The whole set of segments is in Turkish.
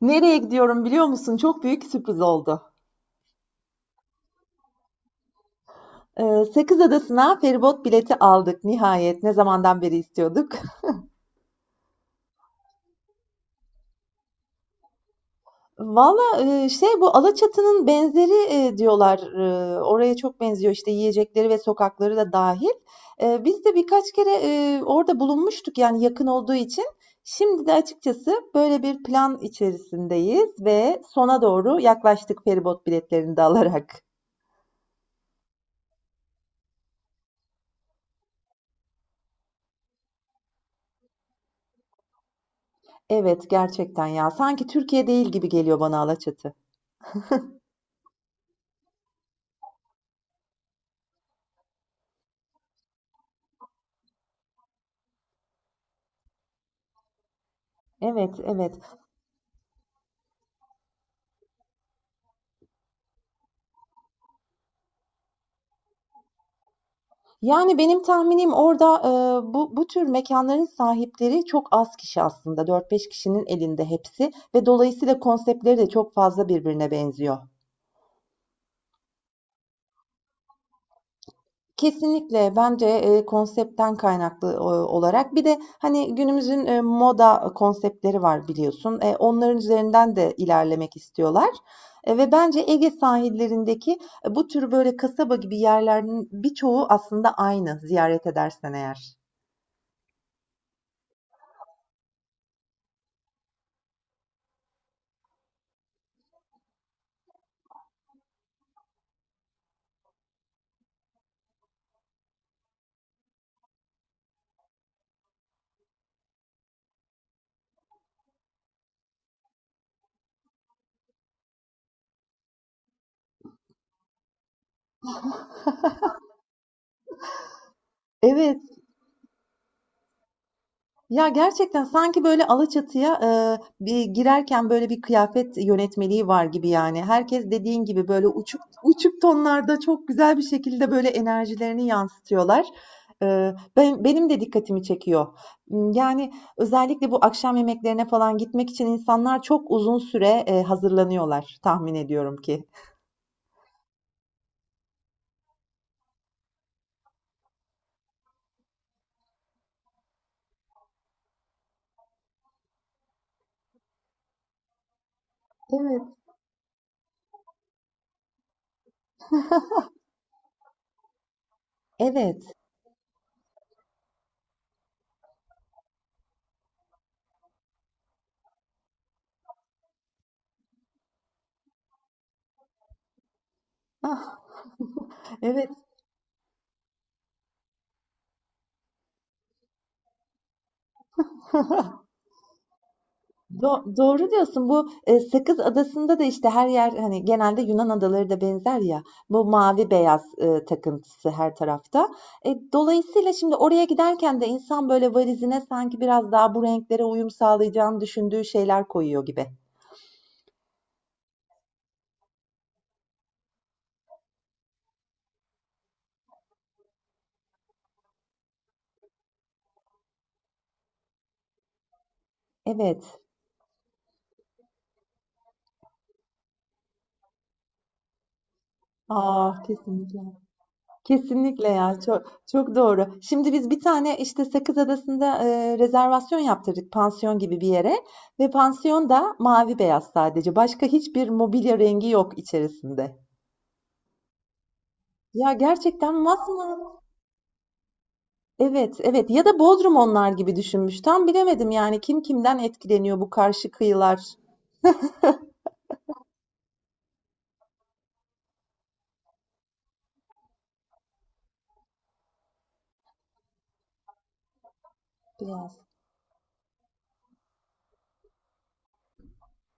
Nereye gidiyorum biliyor musun? Çok büyük sürpriz oldu. Sakız Adası'na feribot bileti aldık nihayet. Ne zamandan beri istiyorduk. Valla şey bu Alaçatı'nın benzeri diyorlar. Oraya çok benziyor işte yiyecekleri ve sokakları da dahil. Biz de birkaç kere orada bulunmuştuk yani yakın olduğu için. Şimdi de açıkçası böyle bir plan içerisindeyiz ve sona doğru yaklaştık feribot biletlerini de alarak. Evet, gerçekten ya sanki Türkiye değil gibi geliyor bana Alaçatı. Evet, evet. Yani benim tahminim orada, bu tür mekânların sahipleri çok az kişi aslında, dört beş kişinin elinde hepsi ve dolayısıyla konseptleri de çok fazla birbirine benziyor. Kesinlikle bence, konseptten kaynaklı, olarak bir de, hani, günümüzün, moda konseptleri var biliyorsun. Onların üzerinden de ilerlemek istiyorlar, ve bence Ege sahillerindeki, bu tür böyle kasaba gibi yerlerin birçoğu aslında aynı ziyaret edersen eğer. Evet. Ya, gerçekten sanki böyle Alaçatı'ya, bir girerken böyle bir kıyafet yönetmeliği var gibi yani. Herkes dediğin gibi böyle uçuk uçuk tonlarda çok güzel bir şekilde böyle enerjilerini yansıtıyorlar. Benim de dikkatimi çekiyor. Yani özellikle bu akşam yemeklerine falan gitmek için insanlar çok uzun süre, hazırlanıyorlar tahmin ediyorum ki. Evet. Evet. Ah. Evet, doğru diyorsun. Bu Sakız Adası'nda da işte her yer hani genelde Yunan adaları da benzer ya. Bu mavi beyaz takıntısı her tarafta. Dolayısıyla şimdi oraya giderken de insan böyle valizine sanki biraz daha bu renklere uyum sağlayacağını düşündüğü şeyler koyuyor gibi. Evet. Aa, kesinlikle. Kesinlikle ya. Çok çok doğru. Şimdi biz bir tane işte Sakız Adası'nda rezervasyon yaptırdık pansiyon gibi bir yere ve pansiyon da mavi beyaz sadece. Başka hiçbir mobilya rengi yok içerisinde. Ya gerçekten masmavi. Evet, evet. Ya da Bodrum onlar gibi düşünmüş. Tam bilemedim yani kim kimden etkileniyor bu karşı kıyılar.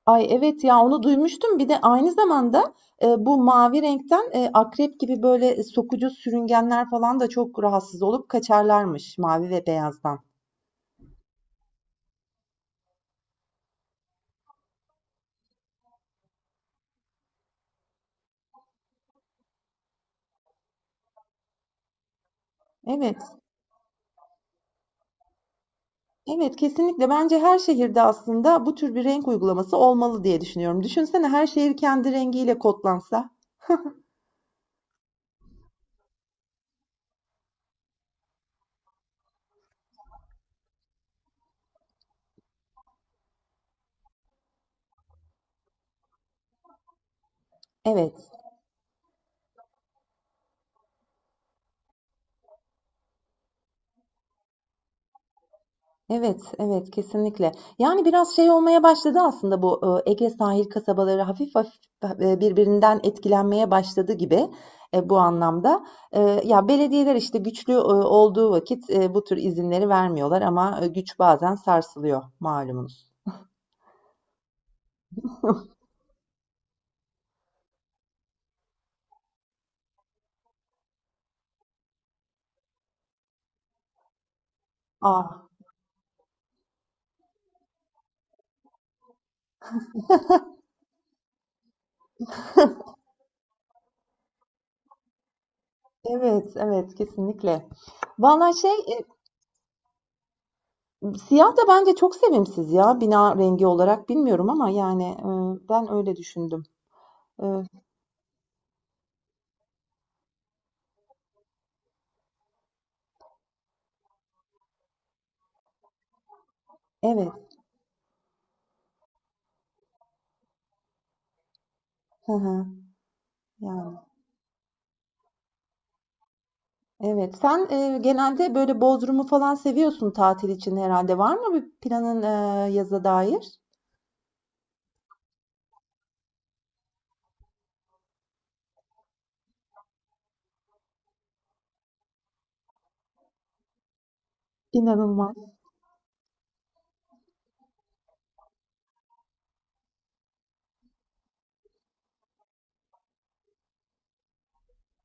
Ay, evet ya, onu duymuştum. Bir de aynı zamanda, bu mavi renkten, akrep gibi böyle sokucu sürüngenler falan da çok rahatsız olup kaçarlarmış mavi ve beyazdan. Evet, evet kesinlikle. Bence her şehirde aslında bu tür bir renk uygulaması olmalı diye düşünüyorum. Düşünsene her şehir kendi rengiyle kodlansa. Evet. Evet, evet kesinlikle. Yani biraz şey olmaya başladı aslında bu Ege sahil kasabaları hafif hafif birbirinden etkilenmeye başladı gibi bu anlamda. Ya belediyeler işte güçlü olduğu vakit bu tür izinleri vermiyorlar ama güç bazen sarsılıyor malumunuz. Ah, evet, evet kesinlikle. Vallahi şey siyah da bence çok sevimsiz ya bina rengi olarak bilmiyorum ama yani ben öyle düşündüm. E, evet. Hı hı, yani. Evet. Sen, genelde böyle Bodrum'u falan seviyorsun tatil için herhalde. Var mı bir planın, yaza dair? İnanılmaz.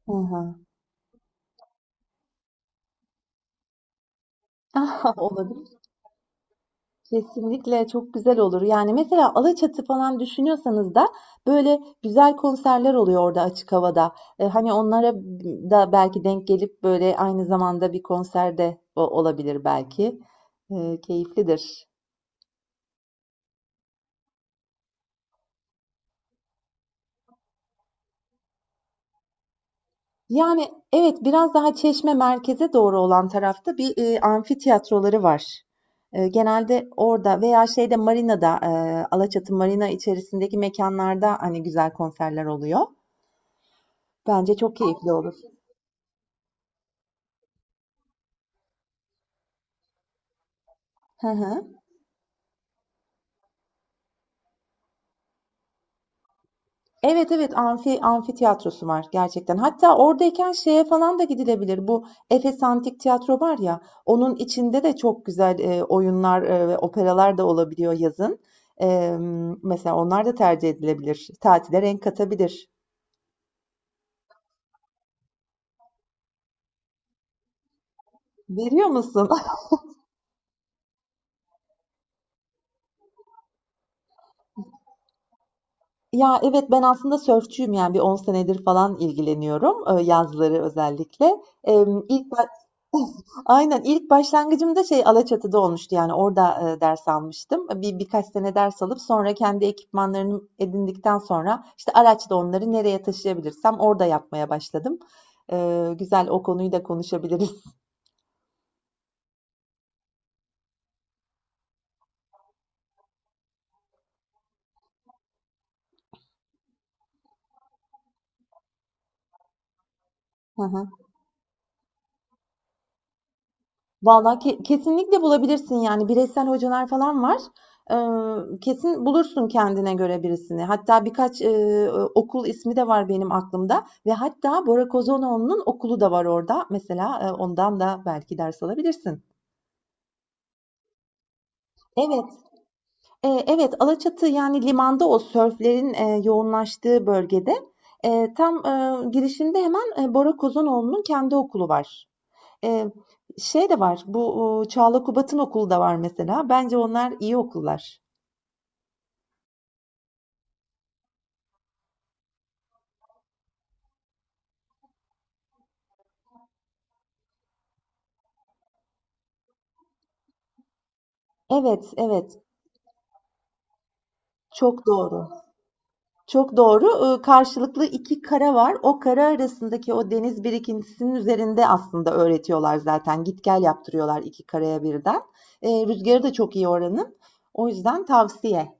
Hı hı. Olabilir. Kesinlikle çok güzel olur. Yani, mesela Alaçatı falan düşünüyorsanız da böyle güzel konserler oluyor orada açık havada. Hani, onlara da belki denk gelip böyle aynı zamanda bir konserde o olabilir belki. Keyiflidir. Yani, evet, biraz daha Çeşme merkeze doğru olan tarafta bir, amfitiyatroları var. Genelde orada veya şeyde marinada, Alaçatı marina içerisindeki mekânlarda, hani, güzel konserler oluyor. Bence çok keyifli olur. Hı hı. Evet, evet, amfitiyatrosu var gerçekten. Hatta oradayken şeye falan da gidilebilir. Bu Efes Antik Tiyatro var ya, onun içinde de çok güzel oyunlar ve operalar da olabiliyor yazın. Mesela onlar da tercih edilebilir. Tatile renk katabilir. Veriyor musun? Ya evet ben aslında sörfçüyüm yani bir 10 senedir falan ilgileniyorum yazları özellikle. İlk Aynen, ilk başlangıcım da şey Alaçatı'da olmuştu, yani orada, ders almıştım. Birkaç sene ders alıp sonra kendi ekipmanlarını edindikten sonra, işte, araçla onları nereye taşıyabilirsem orada yapmaya başladım. Güzel, o konuyu da konuşabiliriz. Hı hı. Vallahi kesinlikle bulabilirsin, yani, bireysel hocalar falan var. Kesin bulursun kendine göre birisini. Hatta birkaç, okul ismi de var benim aklımda ve hatta Bora Kozanoğlu'nun okulu da var orada. Mesela, ondan da belki ders alabilirsin. Evet, evet, Alaçatı, yani, limanda o sörflerin, yoğunlaştığı bölgede. Tam, girişinde hemen, Bora Kozanoğlu'nun kendi okulu var. Eee, Şey de var, bu, Çağla Kubat'ın okulu da var mesela. Bence onlar iyi okullar. Evet, evet. Çok doğru. Çok doğru. Karşılıklı iki kara var. O kara arasındaki o deniz birikintisinin üzerinde aslında öğretiyorlar zaten. Git gel yaptırıyorlar iki karaya birden. Rüzgarı da çok iyi oranın. O yüzden tavsiye.